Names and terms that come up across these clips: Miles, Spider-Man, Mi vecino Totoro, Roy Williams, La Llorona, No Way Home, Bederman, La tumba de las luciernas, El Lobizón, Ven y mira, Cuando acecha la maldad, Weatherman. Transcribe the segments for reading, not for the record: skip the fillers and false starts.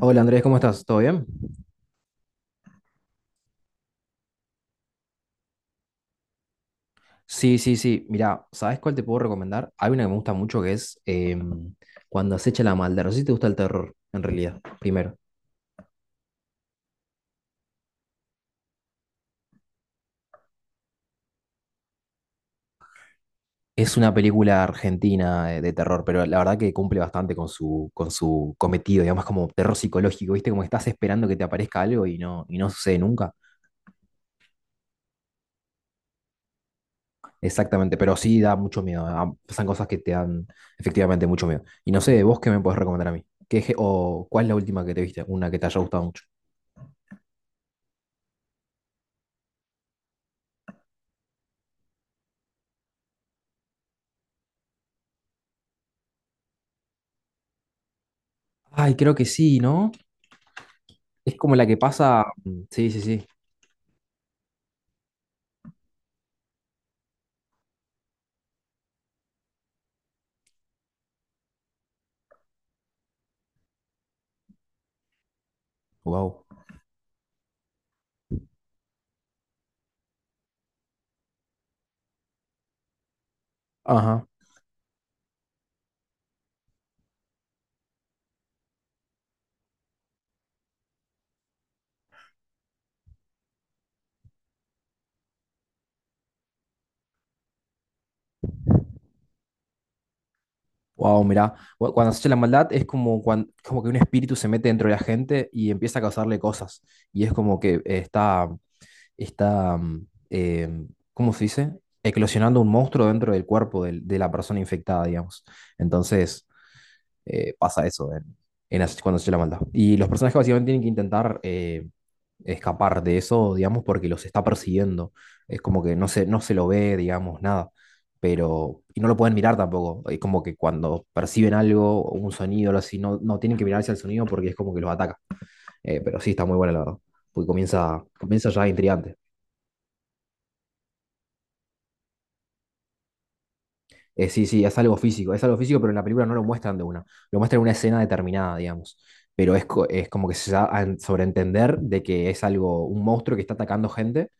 Hola Andrés, ¿cómo estás? ¿Todo bien? Sí, sí, sí. Mira, ¿sabes cuál te puedo recomendar? Hay una que me gusta mucho que es Cuando acecha la maldad. No sé si te gusta el terror, en realidad, primero. Es una película argentina de terror, pero la verdad que cumple bastante con con su cometido, digamos, como terror psicológico, ¿viste? Como estás esperando que te aparezca algo y no sucede nunca. Exactamente, pero sí da mucho miedo. Pasan cosas que te dan efectivamente mucho miedo. Y no sé, vos qué me podés recomendar a mí. ¿O cuál es la última que te viste? Una que te haya gustado mucho. Ay, creo que sí, ¿no? Es como la que pasa. Sí, sí, sí. Wow. Ajá. Wow, mirá. Cuando se echa la maldad es como que un espíritu se mete dentro de la gente y empieza a causarle cosas. Y es como que está, mm, eh, ¿cómo se dice? Eclosionando un monstruo dentro del cuerpo de la persona infectada, digamos. Entonces, pasa eso en cuando se la manda. Y los personajes básicamente tienen que intentar escapar de eso, digamos, porque los está persiguiendo. Es como que no se lo ve, digamos, nada. Pero, y no lo pueden mirar tampoco. Es como que cuando perciben algo, o un sonido, algo así, no tienen que mirar hacia el sonido porque es como que los ataca. Pero sí, está muy buena la verdad. Porque comienza ya intrigante. Sí, sí, es algo físico, pero en la película no lo muestran de una, lo muestran en una escena determinada, digamos. Pero es como que se da a sobreentender de que es algo, un monstruo que está atacando gente,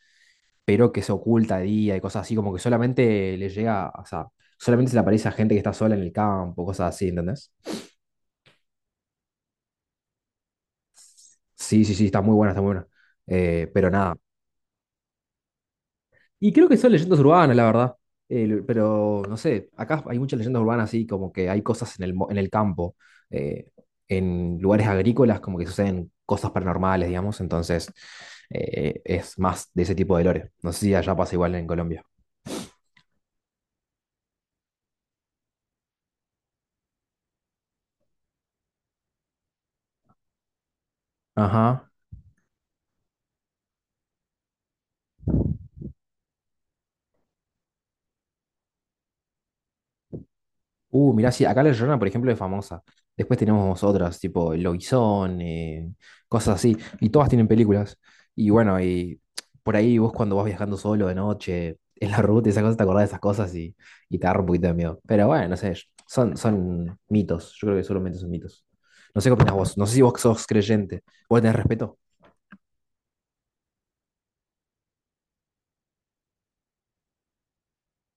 pero que se oculta de día y cosas así, como que solamente le llega, o sea, solamente se le aparece a gente que está sola en el campo, cosas así, ¿entendés? Sí, sí, sí, está muy buena, está muy buena. Pero nada, y creo que son leyendas urbanas, la verdad. Pero no sé, acá hay muchas leyendas urbanas, así como que hay cosas en en el campo, eh, en lugares agrícolas, como que suceden cosas paranormales, digamos. Entonces, es más de ese tipo de lore. No sé si allá pasa igual en Colombia. Ajá. Mirá, sí, acá la Llorona, por ejemplo, es famosa. Después tenemos otras, tipo El Lobizón, cosas así. Y todas tienen películas. Y bueno, y por ahí vos cuando vas viajando solo de noche, en la ruta y esas cosas, te acordás de esas cosas y te agarra un poquito de miedo. Pero bueno, no sé, son mitos. Yo creo que solamente son mitos. No sé qué opinás vos. No sé si vos sos creyente. ¿Vos tenés respeto?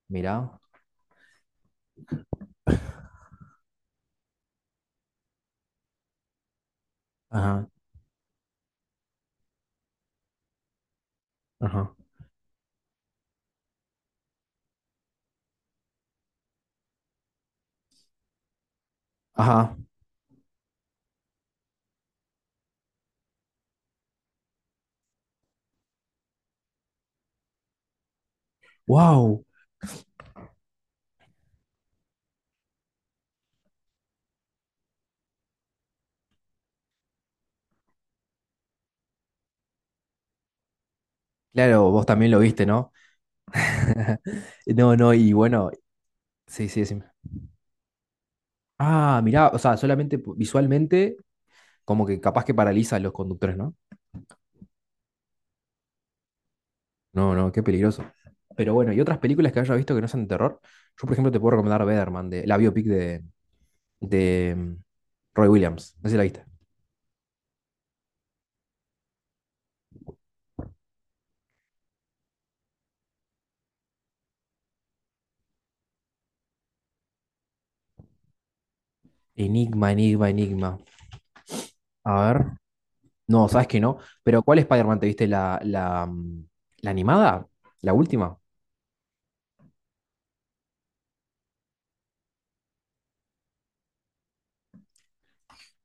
Mirá. Ajá, ajá, ajá. ¡Wow! Claro, vos también lo viste, ¿no? No, no, y bueno, sí, sí, sí. Ah, mirá, o sea, solamente visualmente, como que capaz que paraliza a los conductores, ¿no? No, no, qué peligroso. Pero bueno, y otras películas que haya visto que no sean de terror. Yo, por ejemplo, te puedo recomendar Weatherman, la biopic de Roy Williams. No sé si la viste. Enigma, enigma, enigma. A ver. No, sabes que no. Pero ¿cuál Spider-Man te viste? ¿ La animada? ¿La última?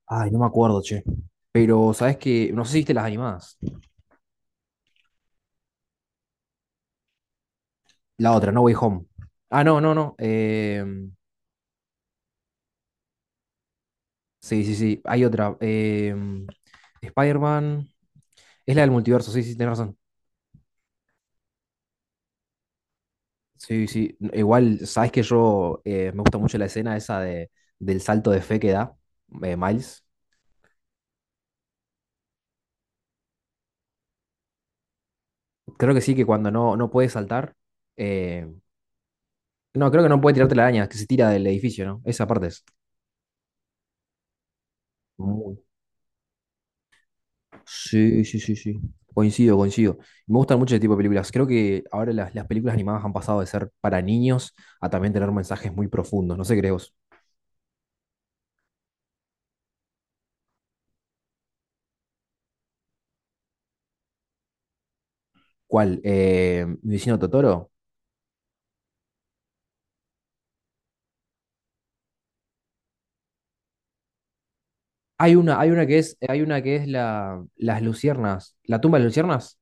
Ay, no me acuerdo, che. Pero sabes que. No sé si viste las animadas. La otra, No Way Home. Ah, no, no, no. Sí, sí, sí. Hay otra. Spider-Man. Es la del multiverso, sí, sí, tenés razón. Sí, sí. Igual, sabes que yo me gusta mucho la escena esa de, del salto de fe que da Miles. Creo que sí, que cuando no puede saltar. eh, no, creo que no puede tirarte la araña, que se tira del edificio, ¿no? Esa parte es. muy- Sí, sí, sí, sí. Coincido, coincido. Me gustan mucho ese tipo de películas. Creo que ahora las películas animadas han pasado de ser para niños a también tener mensajes muy profundos. No sé, crees vos. ¿Cuál? Mi vecino Totoro. Hay una que es las luciernas, la tumba de las luciernas.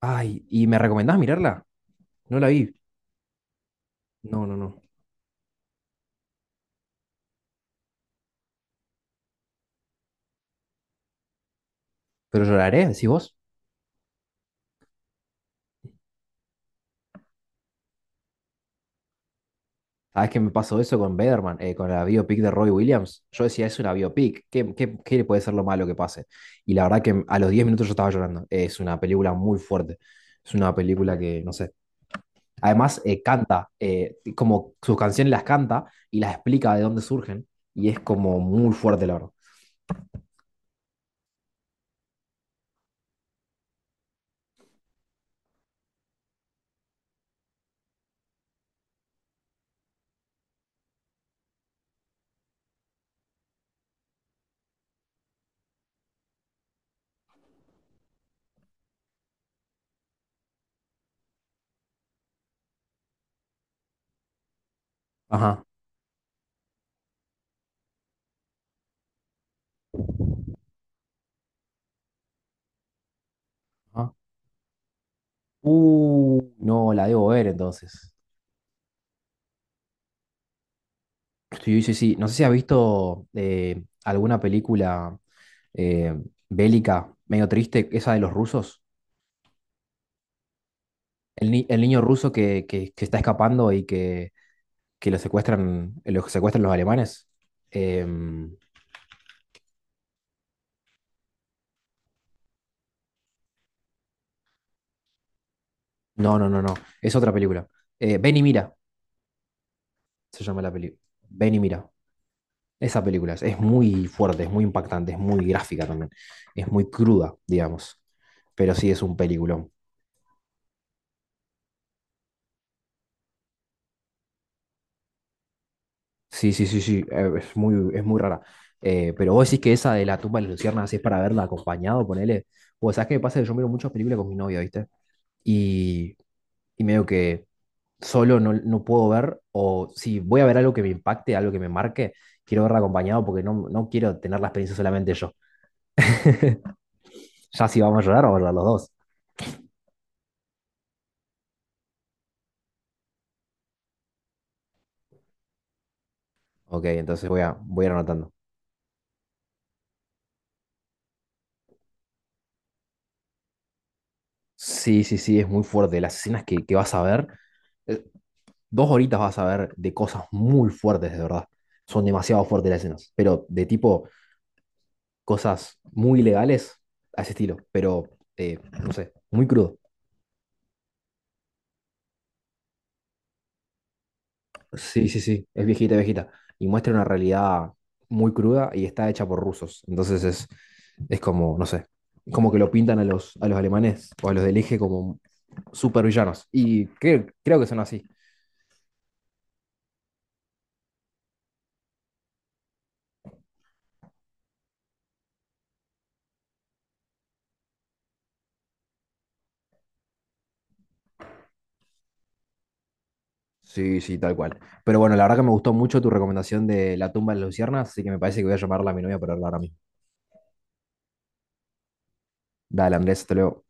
Ay, ¿y me recomendás mirarla? No la vi. No, no, no. Pero lloraré, decís vos. Sabés que me pasó eso con Bederman, con la biopic de Roy Williams. Yo decía, es una biopic, ¿ qué puede ser lo malo que pase? Y la verdad que a los 10 minutos yo estaba llorando. Es una película muy fuerte. Es una película que, no sé, además, canta, como sus canciones las canta y las explica de dónde surgen. Y es como muy fuerte, la verdad. Ajá. Ajá. No, la debo ver entonces. Sí, sí, sí. No sé si has visto alguna película eh, bélica, medio triste, esa de los rusos. El, el niño ruso que está escapando y que lo secuestran los alemanes. Em, no, no, no, no. Es otra película. Ven y mira, se llama la película. Ven y mira. Esa película es muy fuerte, es muy impactante, es muy gráfica también. Es muy cruda, digamos. Pero sí es un peliculón. Sí, sí, sí, sí. Es muy rara. Pero vos decís que esa de la tumba de las luciérnagas es para verla acompañado, ponele. Pues, ¿sabes qué me pasa? Yo miro muchas películas con mi novia, ¿viste? Y, y medio que solo no puedo ver, o si voy a ver algo que me impacte, algo que me marque, quiero verla acompañado porque no quiero tener la experiencia solamente yo. Ya si vamos a llorar, vamos a llorar los dos. Ok, entonces voy a ir anotando. Sí, sí, sí, es muy fuerte. Las escenas que vas a ver, eh, 2 horitas vas a ver de cosas muy fuertes, de verdad. Son demasiado fuertes las escenas, pero de tipo cosas muy ilegales a ese estilo, pero no sé, muy crudo. Sí, sí, sí, es viejita, viejita. Y muestra una realidad muy cruda y está hecha por rusos. Entonces es como, no sé, como que lo pintan a a los alemanes o a los del eje como supervillanos. Y creo, creo que son así. Sí, sí, tal cual. Pero bueno, la verdad que me gustó mucho tu recomendación de La tumba de las luciernas, así que me parece que voy a llamarla a mi novia para hablar a mí. Dale, Andrés, te luego.